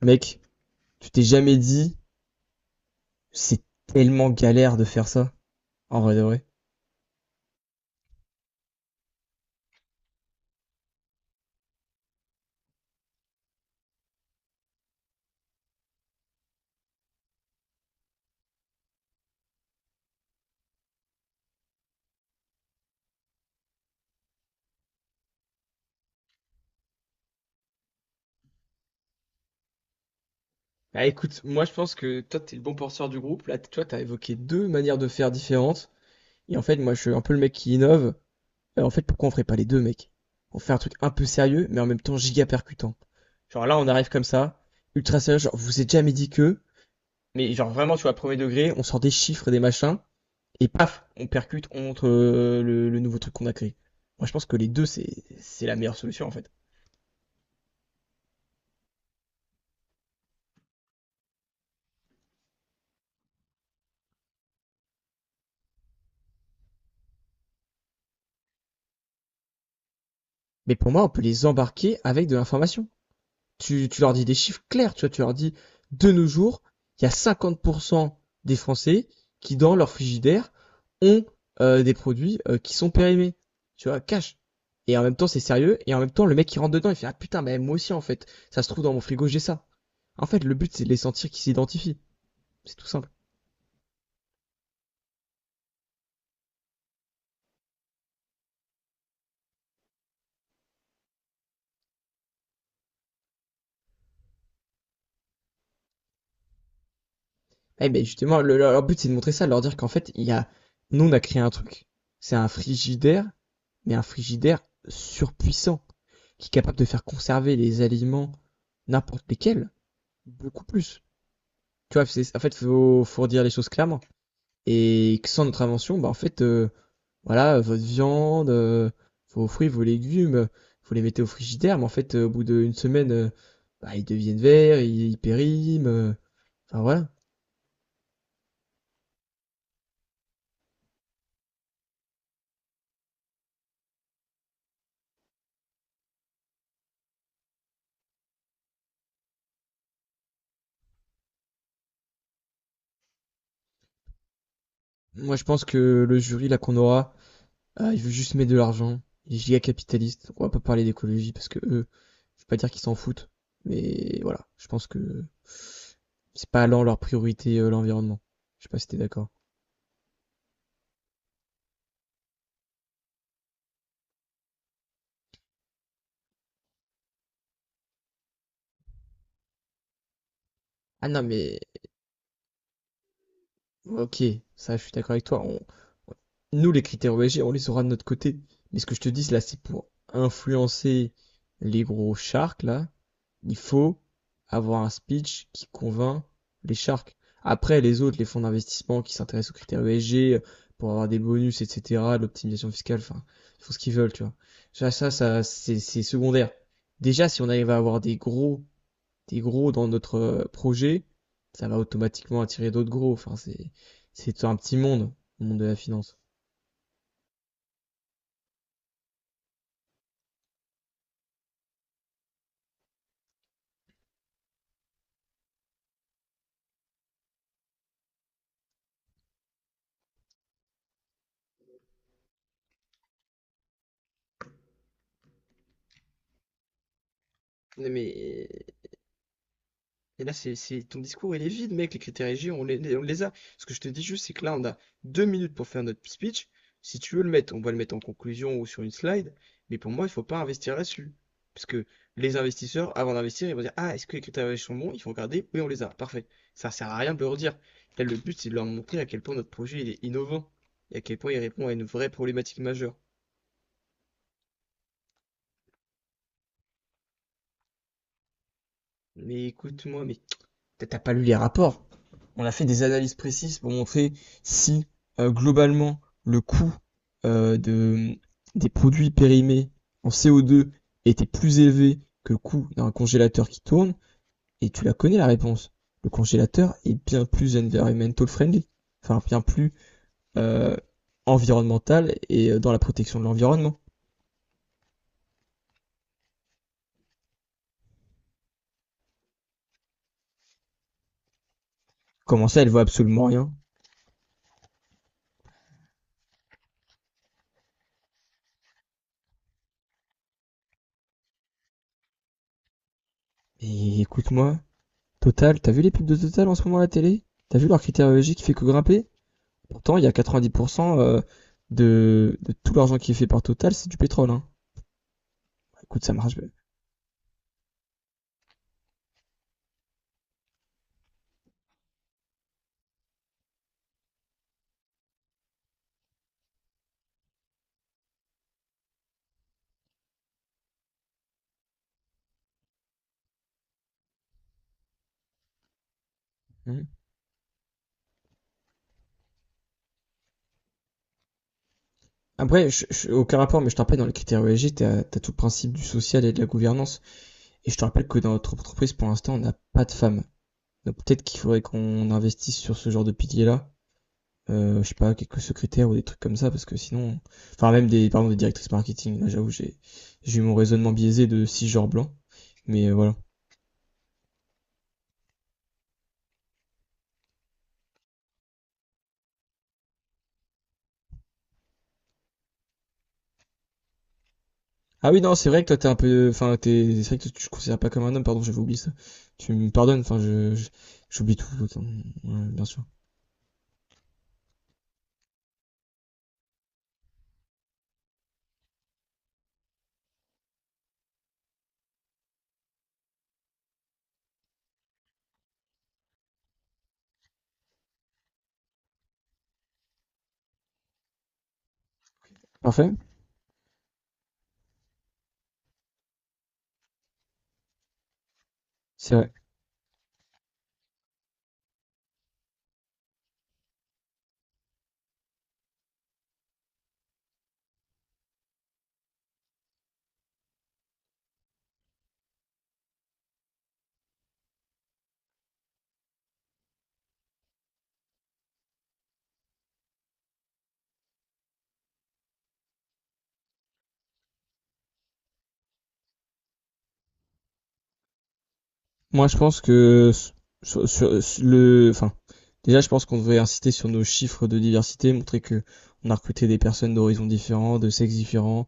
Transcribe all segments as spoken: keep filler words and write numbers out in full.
Mec, tu t'es jamais dit, c'est tellement galère de faire ça, en vrai de vrai. Bah écoute, moi je pense que toi t'es le bon penseur du groupe. Là, t- toi t'as évoqué deux manières de faire différentes. Et en fait, moi je suis un peu le mec qui innove. Euh, en fait, pourquoi on ferait pas les deux, mec? On fait un truc un peu sérieux, mais en même temps giga percutant. Genre là, on arrive comme ça, ultra sérieux, genre vous êtes jamais dit que, mais genre vraiment, tu vois, premier degré, on sort des chiffres et des machins, et paf, on percute, on montre euh, le, le nouveau truc qu'on a créé. Moi je pense que les deux, c'est c'est la meilleure solution en fait. Mais pour moi, on peut les embarquer avec de l'information. Tu, tu leur dis des chiffres clairs, tu vois, tu leur dis, de nos jours, il y a cinquante pour cent des Français qui, dans leur frigidaire, ont euh, des produits euh, qui sont périmés. Tu vois, cash. Et en même temps, c'est sérieux. Et en même temps, le mec qui rentre dedans, il fait, ah putain, mais moi aussi, en fait, ça se trouve dans mon frigo, j'ai ça. En fait, le but, c'est de les sentir qu'ils s'identifient. C'est tout simple. Eh ben justement, le- leur leur but, c'est de montrer ça, de leur dire qu'en fait, il y a. Nous, on a créé un truc. C'est un frigidaire, mais un frigidaire surpuissant, qui est capable de faire conserver les aliments, n'importe lesquels, beaucoup plus. Tu vois, c'est, en fait, faut, faut dire les choses clairement. Et que sans notre invention, bah, en fait, euh, voilà, votre viande, euh, vos fruits, vos légumes, faut les mettre au frigidaire, mais en fait, euh, au bout d'une semaine, euh, bah, ils deviennent verts, ils, ils périment, euh, enfin voilà. Moi, je pense que le jury, là, qu'on aura, euh, il veut juste mettre de l'argent. Il est giga capitaliste. On va pas parler d'écologie parce que eux, je vais pas dire qu'ils s'en foutent, mais voilà, je pense que c'est pas allant leur priorité euh, l'environnement. Je sais pas si t'es d'accord. Ah non, mais ok, ça je suis d'accord avec toi. On- Nous, les critères E S G, on les aura de notre côté. Mais ce que je te dis, là, c'est pour influencer les gros sharks, là. Il faut avoir un speech qui convainc les sharks. Après, les autres, les fonds d'investissement qui s'intéressent aux critères E S G euh, pour avoir des bonus, et cetera, de l'optimisation fiscale, enfin, ils font ce qu'ils veulent, tu vois. Ça, ça, ça, c'est c'est secondaire. Déjà, si on arrive à avoir des gros. T'es gros dans notre euh, projet, ça va automatiquement attirer d'autres gros. Enfin, c'est, c'est un petit monde, le monde de la finance. Mais Et là, c'est, c'est- ton discours, il est vide, mec. Les critères E G, on les, on les a. Ce que je te dis juste, c'est que là, on a deux minutes pour faire notre speech. Si tu veux le mettre, on va le mettre en conclusion ou sur une slide. Mais pour moi, il faut pas investir là-dessus. Parce que les investisseurs, avant d'investir, ils vont dire, ah, est-ce que les critères E S G sont bons? Il faut regarder. Oui, on les a. Parfait. Ça sert à rien de le redire. Là, le but, c'est de leur montrer à quel point notre projet, il est innovant. Et à quel point il répond à une vraie problématique majeure. Mais écoute-moi, mais t'as t'as pas lu les rapports. On a fait des analyses précises pour montrer si euh, globalement le coût euh, de, des produits périmés en C O deux était plus élevé que le coût d'un congélateur qui tourne. Et tu la connais la réponse. Le congélateur est bien plus environmental friendly, enfin bien plus euh, environnemental et euh, dans la protection de l'environnement. Comment ça, elle vaut absolument rien? Et écoute-moi, Total, t'as vu les pubs de Total en ce moment à la télé? T'as vu leur critériologie qui fait que grimper? Pourtant, il y a quatre-vingt-dix pour cent euh, de, de, tout l'argent qui est fait par Total, c'est du pétrole. Hein. Écoute, ça marche. Mhm. Après, je, je- aucun rapport, mais je te rappelle, dans les critères E S G, t'as, t'as tout le principe du social et de la gouvernance. Et je te rappelle que dans notre entreprise, pour l'instant, on n'a pas de femmes. Donc peut-être qu'il faudrait qu'on investisse sur ce genre de pilier-là. Euh, je sais pas, quelques secrétaires ou des trucs comme ça, parce que sinon... Enfin, même des, pardon, des directrices marketing. Là, j'avoue, j'ai, j'ai eu mon raisonnement biaisé de cisgenre blanc. Mais euh, voilà. Ah oui, non, c'est vrai que toi, t'es un peu. Enfin, t'es. C'est vrai que tu te considères pas comme un homme, pardon, j'avais oublié ça. Tu me pardonnes, enfin, je. je- j'oublie tout, autant. Ouais, bien sûr. Parfait, c'est vrai. Moi, je pense que. s- Sur, sur- sur le. Enfin, déjà, je pense qu'on devrait insister sur nos chiffres de diversité, montrer que on a recruté des personnes d'horizons différents, de sexes différents.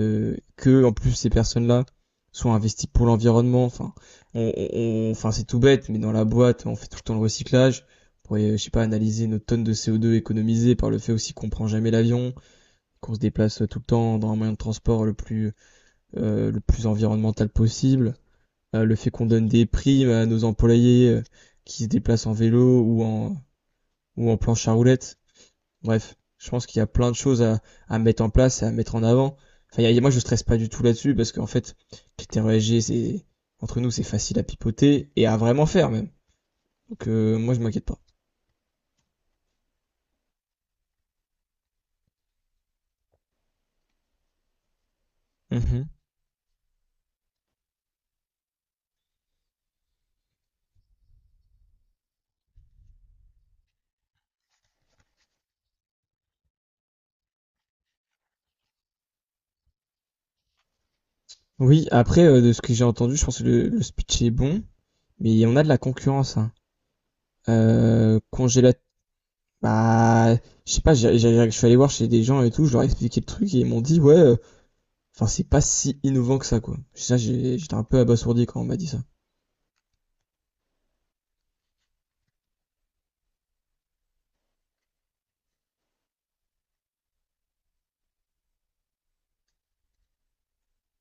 euh, Que en plus ces personnes-là sont investies pour l'environnement. Enfin, on, on- enfin c'est tout bête, mais dans la boîte, on fait tout le temps le recyclage. On pourrait, euh, je sais pas, analyser nos tonnes de C O deux économisées par le fait aussi qu'on prend jamais l'avion, qu'on se déplace euh, tout le temps dans un moyen de transport le plus euh, le plus environnemental possible. Euh, le fait qu'on donne des primes à nos employés euh, qui se déplacent en vélo ou en ou en planche à roulettes. Bref, je pense qu'il y a plein de choses à, à mettre en place et à mettre en avant. Enfin, y a- moi, je stresse pas du tout là-dessus parce qu'en fait, critère E S G, c'est entre nous, c'est facile à pipoter et à vraiment faire même. Donc, euh, moi, je m'inquiète pas. Mhm. Oui, après, euh, de ce que j'ai entendu, je pense que le, le speech est bon, mais on a de la concurrence. Hein. Euh, congélateur. Bah, je sais pas, j'ai- j'ai- je suis allé voir chez des gens et tout, je leur ai expliqué le truc et ils m'ont dit, ouais, euh, enfin, c'est pas si innovant que ça, quoi. Ça, j'ai- j'étais un peu abasourdi quand on m'a dit ça.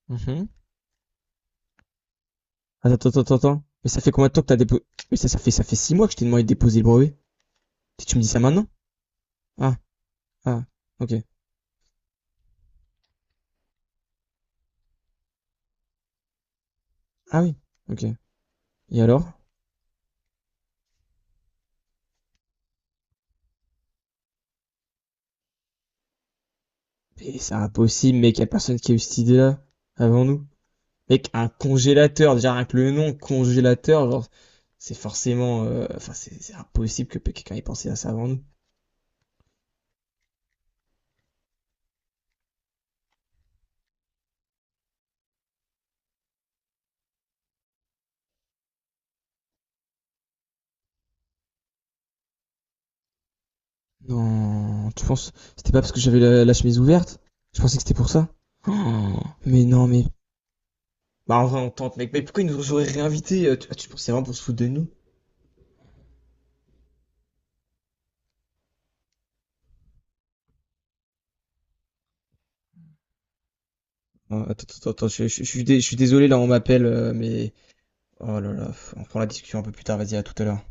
Mhm. Attends, attends, attends, attends. Mais ça fait combien de temps que t'as déposé? Mais ça, ça fait, ça fait six mois que je t'ai demandé de déposer le brevet. Tu tu me dis ça maintenant? Ah, ah, ok. Ah oui, ok. Et alors? Mais c'est impossible, mec, y a personne qui a eu cette idée-là avant nous. Mec, un congélateur, déjà rien que le nom, congélateur, genre, c'est forcément, euh, enfin, c'est c'est impossible que quelqu'un ait pensé à ça avant nous. Non, tu penses, c'était pas parce que j'avais la, la chemise ouverte? Je pensais que c'était pour ça. Oh, mais non, mais, bah, en vrai, on tente, mec. Mais pourquoi ils nous auraient réinvités? Euh, Tu, ah, tu pensais vraiment pour se foutre de nous? Ah, attends, attends, attends, je, je- je suis dé- je suis désolé, là, on m'appelle, euh, mais... Oh là là, on prend la discussion un peu plus tard, vas-y, à tout à l'heure.